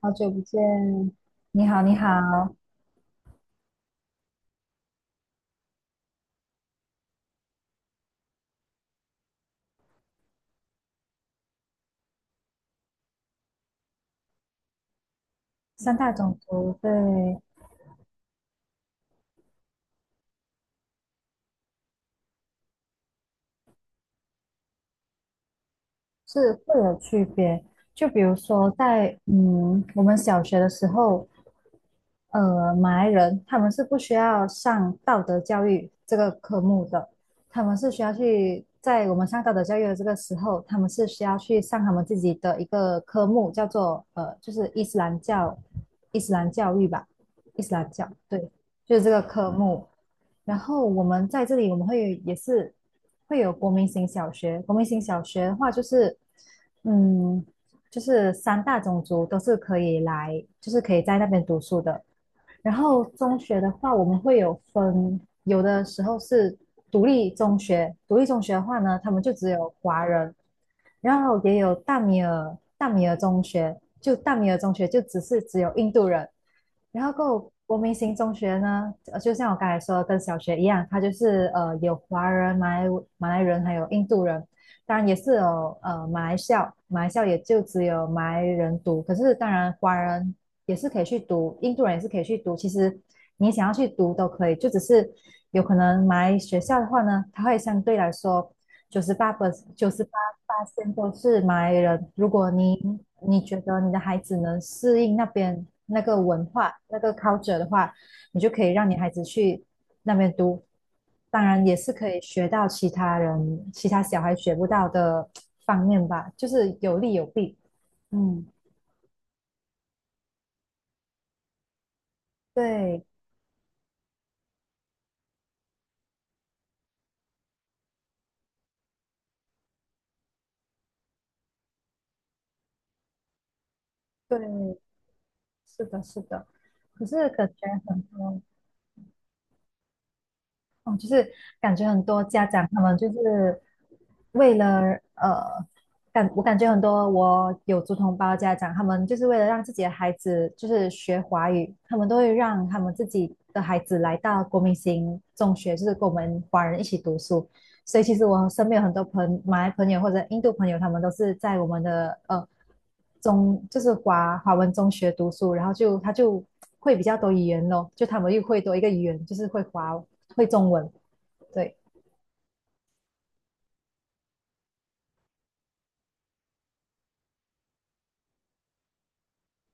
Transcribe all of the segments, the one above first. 好久不见，你好，你好。三大种族对。是会有区别，就比如说在我们小学的时候，马来人他们是不需要上道德教育这个科目的，他们是需要去在我们上道德教育的这个时候，他们是需要去上他们自己的一个科目，叫做就是伊斯兰教，伊斯兰教育吧，伊斯兰教，对，就是这个科目。然后我们在这里，我们也是会有国民型小学，国民型小学的话就是，嗯，就是三大种族都是可以来，就是可以在那边读书的。然后中学的话，我们会有分，有的时候是独立中学，独立中学的话呢，他们就只有华人，然后也有大米尔中学，就大米尔中学就只有印度人，然后够国民型中学呢，就像我刚才说的，跟小学一样，它就是有华人、马来人还有印度人，当然也是有马来校，马来校也就只有马来人读，可是当然华人也是可以去读，印度人也是可以去读，其实你想要去读都可以，就只是有可能马来学校的话呢，它会相对来说九十八百九十八八线都是马来人。如果你觉得你的孩子能适应那边那个文化、那个 culture 的话，你就可以让你孩子去那边读。当然，也是可以学到其他人、其他小孩学不到的方面吧，就是有利有弊。嗯，对对，是的，是的。可是感觉很多。哦，就是感觉很多家长他们就是为了呃，感觉很多我有族同胞的家长，他们就是为了让自己的孩子就是学华语，他们都会让他们自己的孩子来到国民型中学，就是跟我们华人一起读书。所以其实我身边有很多马来朋友或者印度朋友，他们都是在我们的就是华文中学读书，然后他就会比较多语言咯，就他们又会多一个语言，就是会中文，对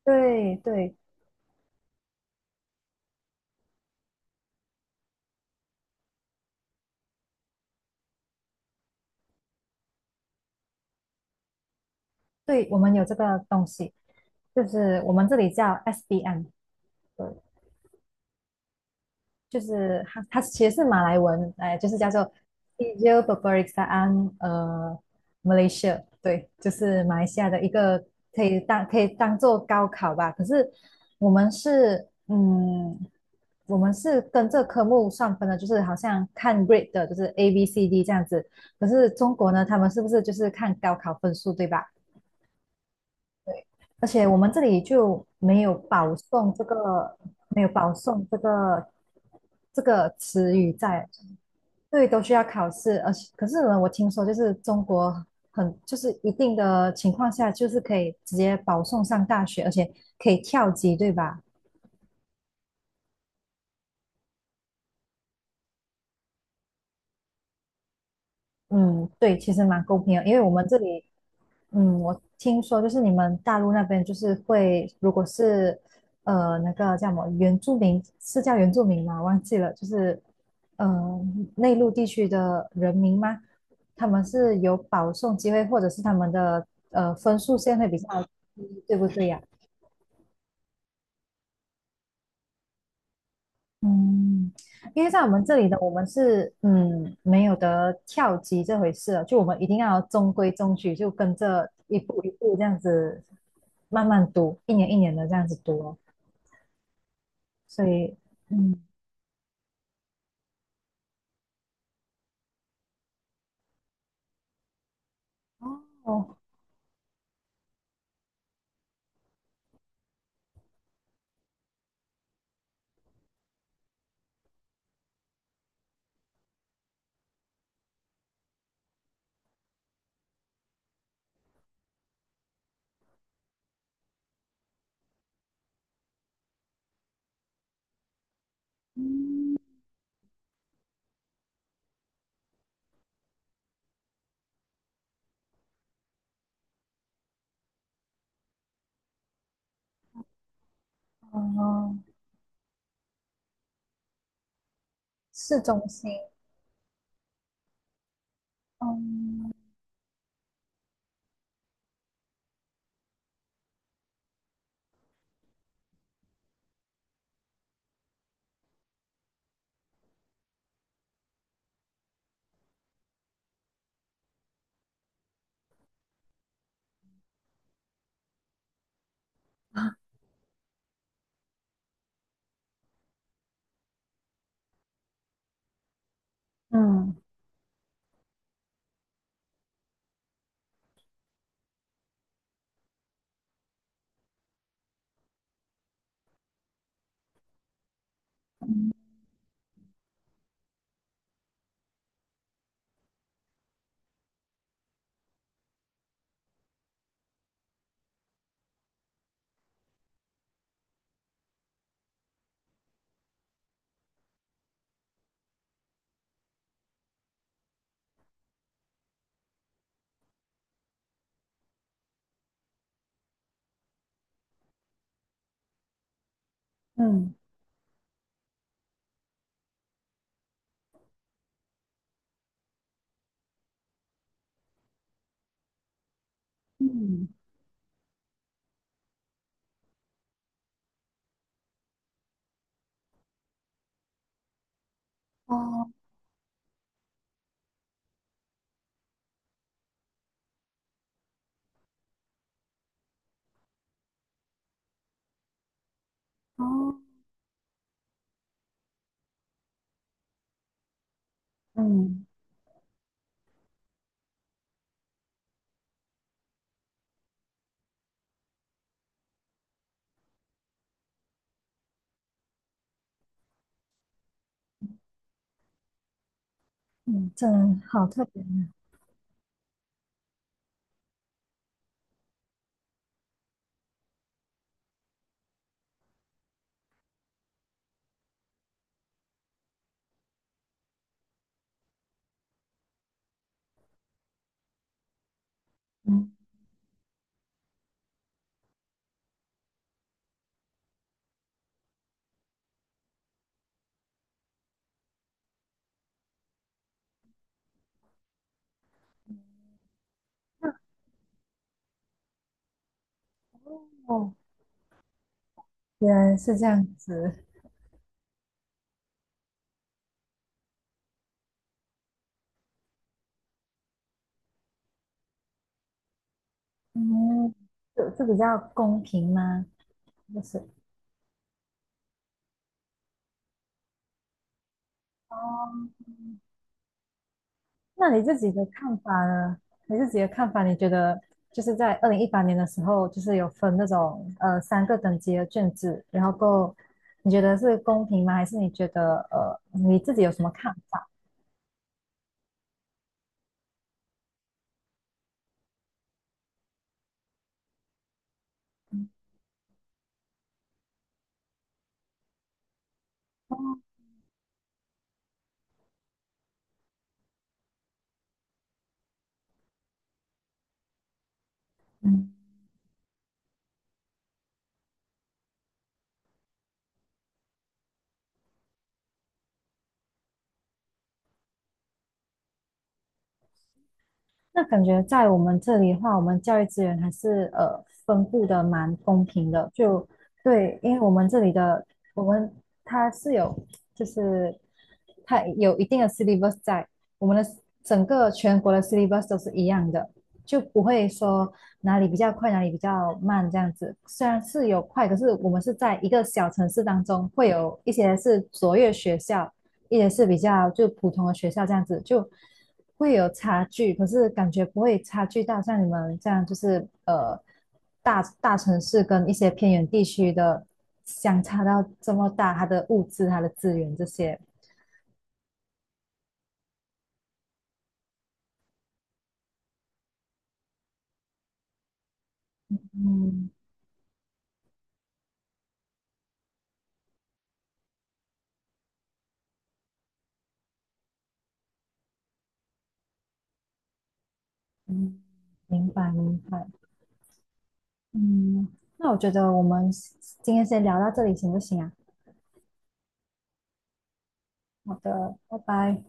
对对对。我们有这个东西，就是我们这里叫 SBM，对。就是它其实是马来文，哎，就是叫做 Ijo e r b e r i k s a a n Malaysia，对，就是马来西亚的一个可以当做高考吧。可是我们是嗯，我们是跟这科目算分的，就是好像看 grade 的，就是 A B C D 这样子。可是中国呢，他们是不是就是看高考分数，对吧？而且我们这里就没有保送这个词语在，对，都需要考试，而且可是呢，我听说就是中国就是一定的情况下，就是可以直接保送上大学，而且可以跳级，对吧？嗯，对，其实蛮公平的，因为我们这里我听说就是你们大陆那边就是会，如果是那个叫什么原住民，是叫原住民吗？忘记了，就是呃内陆地区的人民吗？他们是有保送机会，或者是他们的分数线会比较低，对不对呀？嗯，因为在我们这里的我们是没有得跳级这回事了，就我们一定要中规中矩，就跟着一步一步这样子慢慢读，一年一年的这样子读哦。所以嗯，哦，哦，市中心，嗯嗯嗯嗯，哦哦，嗯嗯，这好特别呢，嗯，哦，原来是这样子。嗯这比较公平吗？就是，哦。嗯那你自己的看法呢？你自己的看法，你觉得就是在2018年的时候，就是有分那种三个等级的卷子，然后够，你觉得是公平吗？还是你觉得你自己有什么看法？嗯。那感觉在我们这里的话，我们教育资源还是分布的蛮公平的。就对，因为我们这里的我们它是有，就是它有一定的 syllabus 在，我们的整个全国的 syllabus 都是一样的，就不会说哪里比较快，哪里比较慢这样子。虽然是有快，可是我们是在一个小城市当中，会有一些是卓越学校，也是比较就普通的学校这样子，就会有差距，可是感觉不会差距到像你们这样，就是大城市跟一些偏远地区的相差到这么大，它的物质、它的资源这些。嗯嗯，明白明白。嗯，那我觉得我们今天先聊到这里行不行啊？好的，拜拜。